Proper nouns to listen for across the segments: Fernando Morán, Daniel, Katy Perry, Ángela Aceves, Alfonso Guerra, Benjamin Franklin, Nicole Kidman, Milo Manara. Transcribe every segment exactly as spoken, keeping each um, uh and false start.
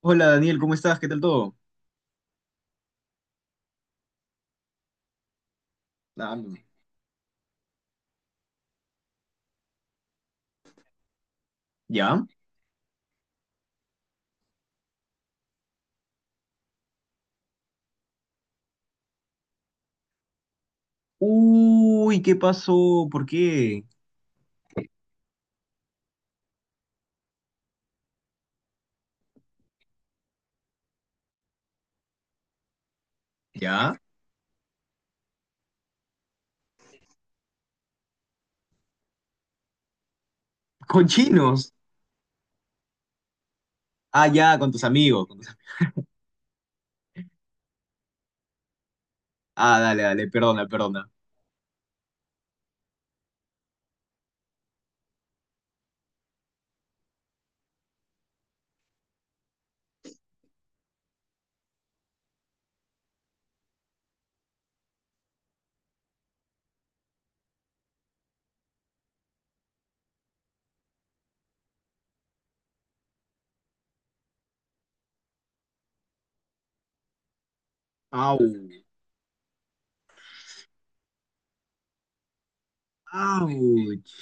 Hola Daniel, ¿cómo estás? ¿Qué tal todo? Nada, no. ¿Ya? Uy, ¿qué pasó? ¿Por qué? ¿Ya? ¿Con chinos? Ah, ya, con tus amigos, con tus- Ah, dale, dale, perdona, perdona. Au. Ouch.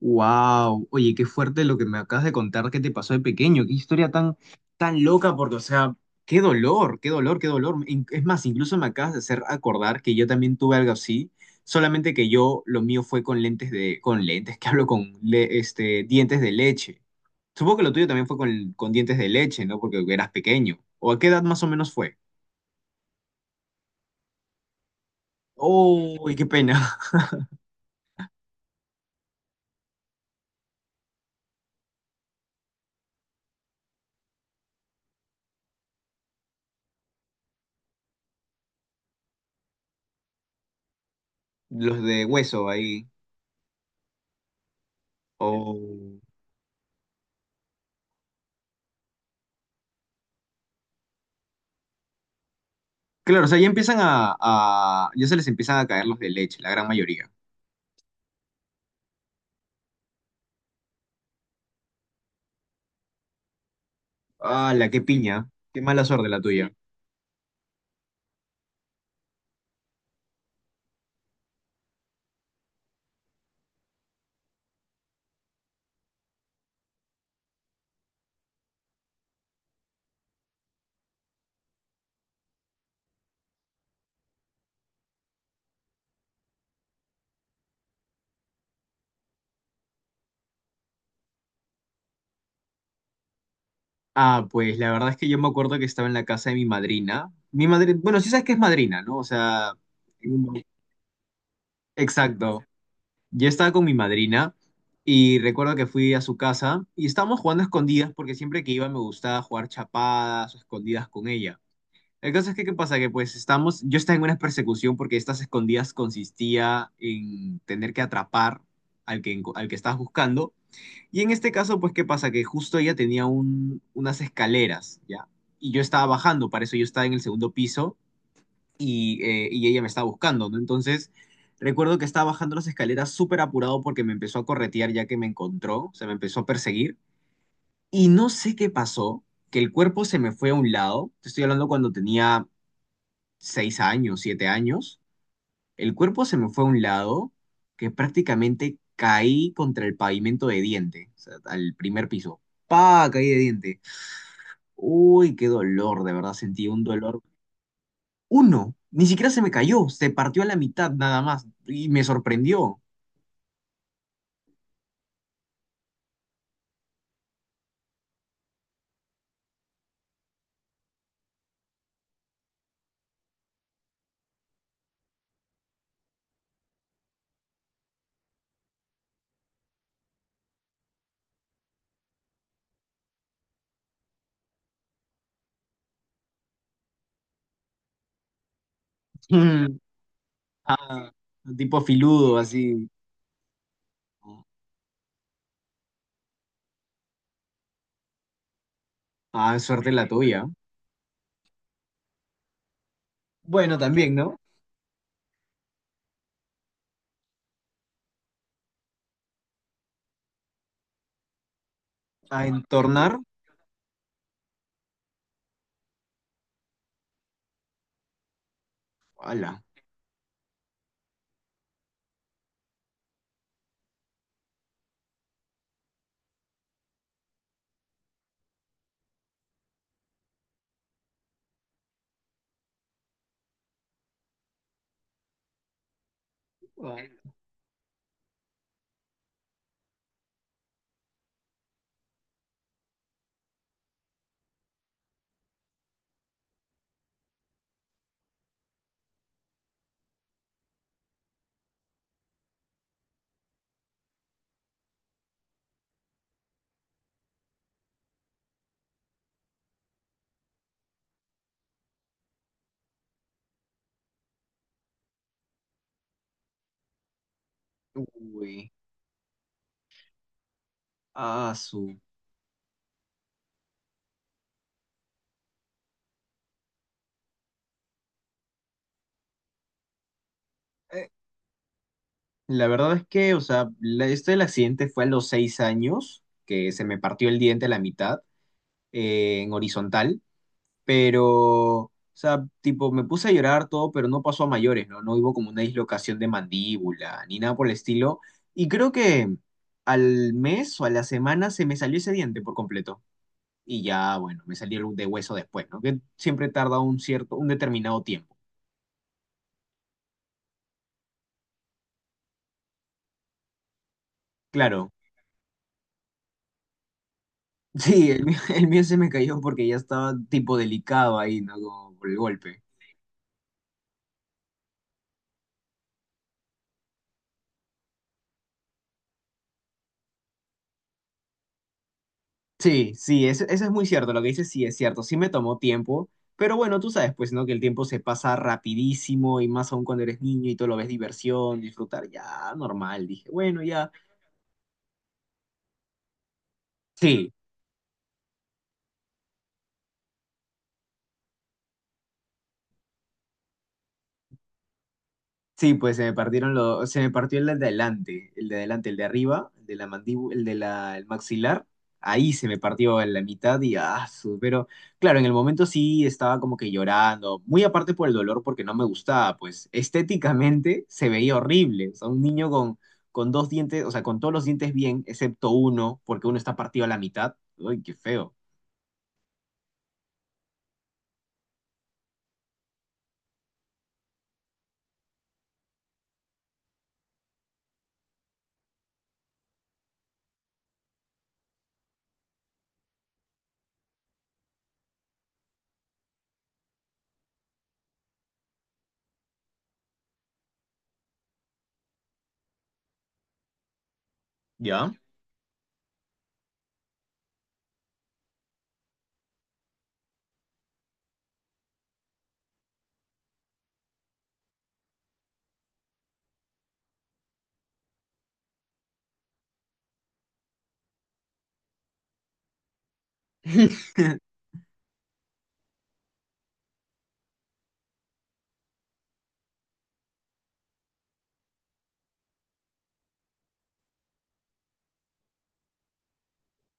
Wow, oye, qué fuerte lo que me acabas de contar que te pasó de pequeño, qué historia tan, tan loca, porque, o sea, qué dolor, qué dolor, qué dolor. In- es más, incluso me acabas de hacer acordar que yo también tuve algo así, solamente que yo, lo mío fue con lentes de, con lentes, que hablo con le- este, dientes de leche. Supongo que lo tuyo también fue con, con dientes de leche, ¿no? Porque eras pequeño. ¿O a qué edad más o menos fue? Oh, qué pena. Los de hueso ahí. Oh. Claro, o sea, ya empiezan a, a- ya se les empiezan a caer los de leche, la gran mayoría. Ah, la qué piña. Qué mala suerte la tuya. Ah, pues la verdad es que yo me acuerdo que estaba en la casa de mi madrina. Mi madrina... Bueno, sí sabes que es madrina, ¿no? O sea... un- Exacto. Yo estaba con mi madrina y recuerdo que fui a su casa y estábamos jugando a escondidas porque siempre que iba me gustaba jugar chapadas o escondidas con ella. El caso es que, ¿qué pasa? Que pues estamos, yo estaba en una persecución porque estas escondidas consistía en tener que atrapar al que, enco- al que estabas buscando. Y en este caso, pues, ¿qué pasa? Que justo ella tenía un- unas escaleras, ¿ya? Y yo estaba bajando, para eso yo estaba en el segundo piso y, eh, y ella me estaba buscando, ¿no? Entonces, recuerdo que estaba bajando las escaleras súper apurado porque me empezó a corretear ya que me encontró, o sea, me empezó a perseguir. Y no sé qué pasó, que el cuerpo se me fue a un lado. Te estoy hablando cuando tenía seis años, siete años, el cuerpo se me fue a un lado que prácticamente caí contra el pavimento de diente, o sea, al primer piso. ¡Pa! Caí de diente. Uy, qué dolor, de verdad sentí un dolor. Uno, ni siquiera se me cayó, se partió a la mitad nada más y me sorprendió. Mm, ah, tipo filudo, así. Ah, suerte la tuya. Bueno, también, ¿no? A entornar. ¡Hala! Uy, ah, su. La verdad es que, o sea, la- esto del accidente fue a los seis años, que se me partió el diente a la mitad, eh, en horizontal, pero, o sea, tipo, me puse a llorar todo, pero no pasó a mayores, ¿no? No hubo como una dislocación de mandíbula, ni nada por el estilo. Y creo que al mes o a la semana se me salió ese diente por completo. Y ya, bueno, me salió el de hueso después, ¿no? Que siempre tarda un cierto, un determinado tiempo. Claro. Sí, el mío, el mío se me cayó porque ya estaba tipo delicado ahí, ¿no? Como por el golpe. Sí, sí, eso, eso es muy cierto, lo que dices sí es cierto, sí me tomó tiempo, pero bueno, tú sabes, pues, ¿no? Que el tiempo se pasa rapidísimo y más aún cuando eres niño y tú lo ves diversión, disfrutar, ya, normal, dije, bueno, ya. Sí, sí, pues se me partieron los, se me partió el de adelante, el de adelante, el de arriba, el de la mandíbula, el de la, el maxilar. Ahí se me partió en la mitad y ah, su- pero claro, en el momento sí estaba como que llorando, muy aparte por el dolor porque no me gustaba, pues estéticamente se veía horrible, o sea, un niño con, con dos dientes, o sea, con todos los dientes bien, excepto uno, porque uno está partido a la mitad. Uy, qué feo. ¿Ya?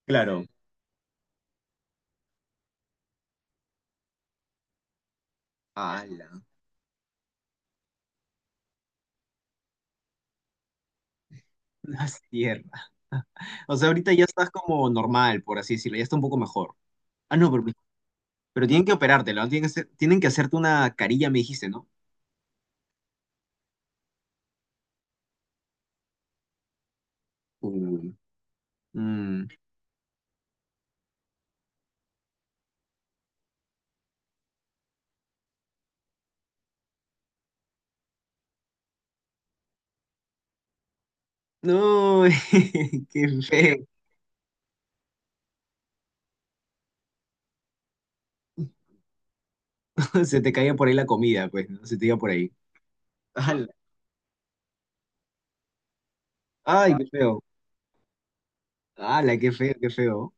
Claro. La sierra. O sea, ahorita ya estás como normal, por así decirlo, ya está un poco mejor. Ah, no, pero, pero tienen que operártelo, ¿no? Tienen que hacer- tienen que hacerte una carilla, me dijiste, ¿no? Uy. Mm. No, qué feo. Se te caía por ahí la comida, pues, ¿no? Se te iba por ahí. Ala. Ay, qué feo. Ala, qué feo, qué feo.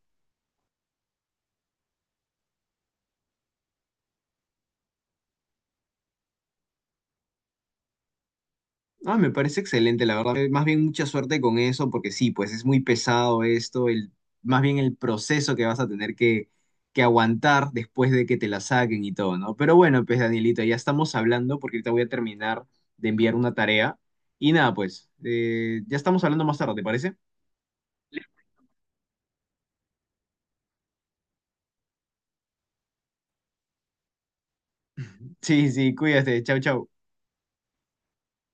Ah, me parece excelente, la verdad. Eh, Más bien mucha suerte con eso, porque sí, pues es muy pesado esto, el, más bien el proceso que vas a tener que, que aguantar después de que te la saquen y todo, ¿no? Pero bueno, pues Danielita, ya estamos hablando porque ahorita voy a terminar de enviar una tarea. Y nada, pues, eh, ya estamos hablando más tarde, ¿te parece? Sí, sí, cuídate, chau, chau.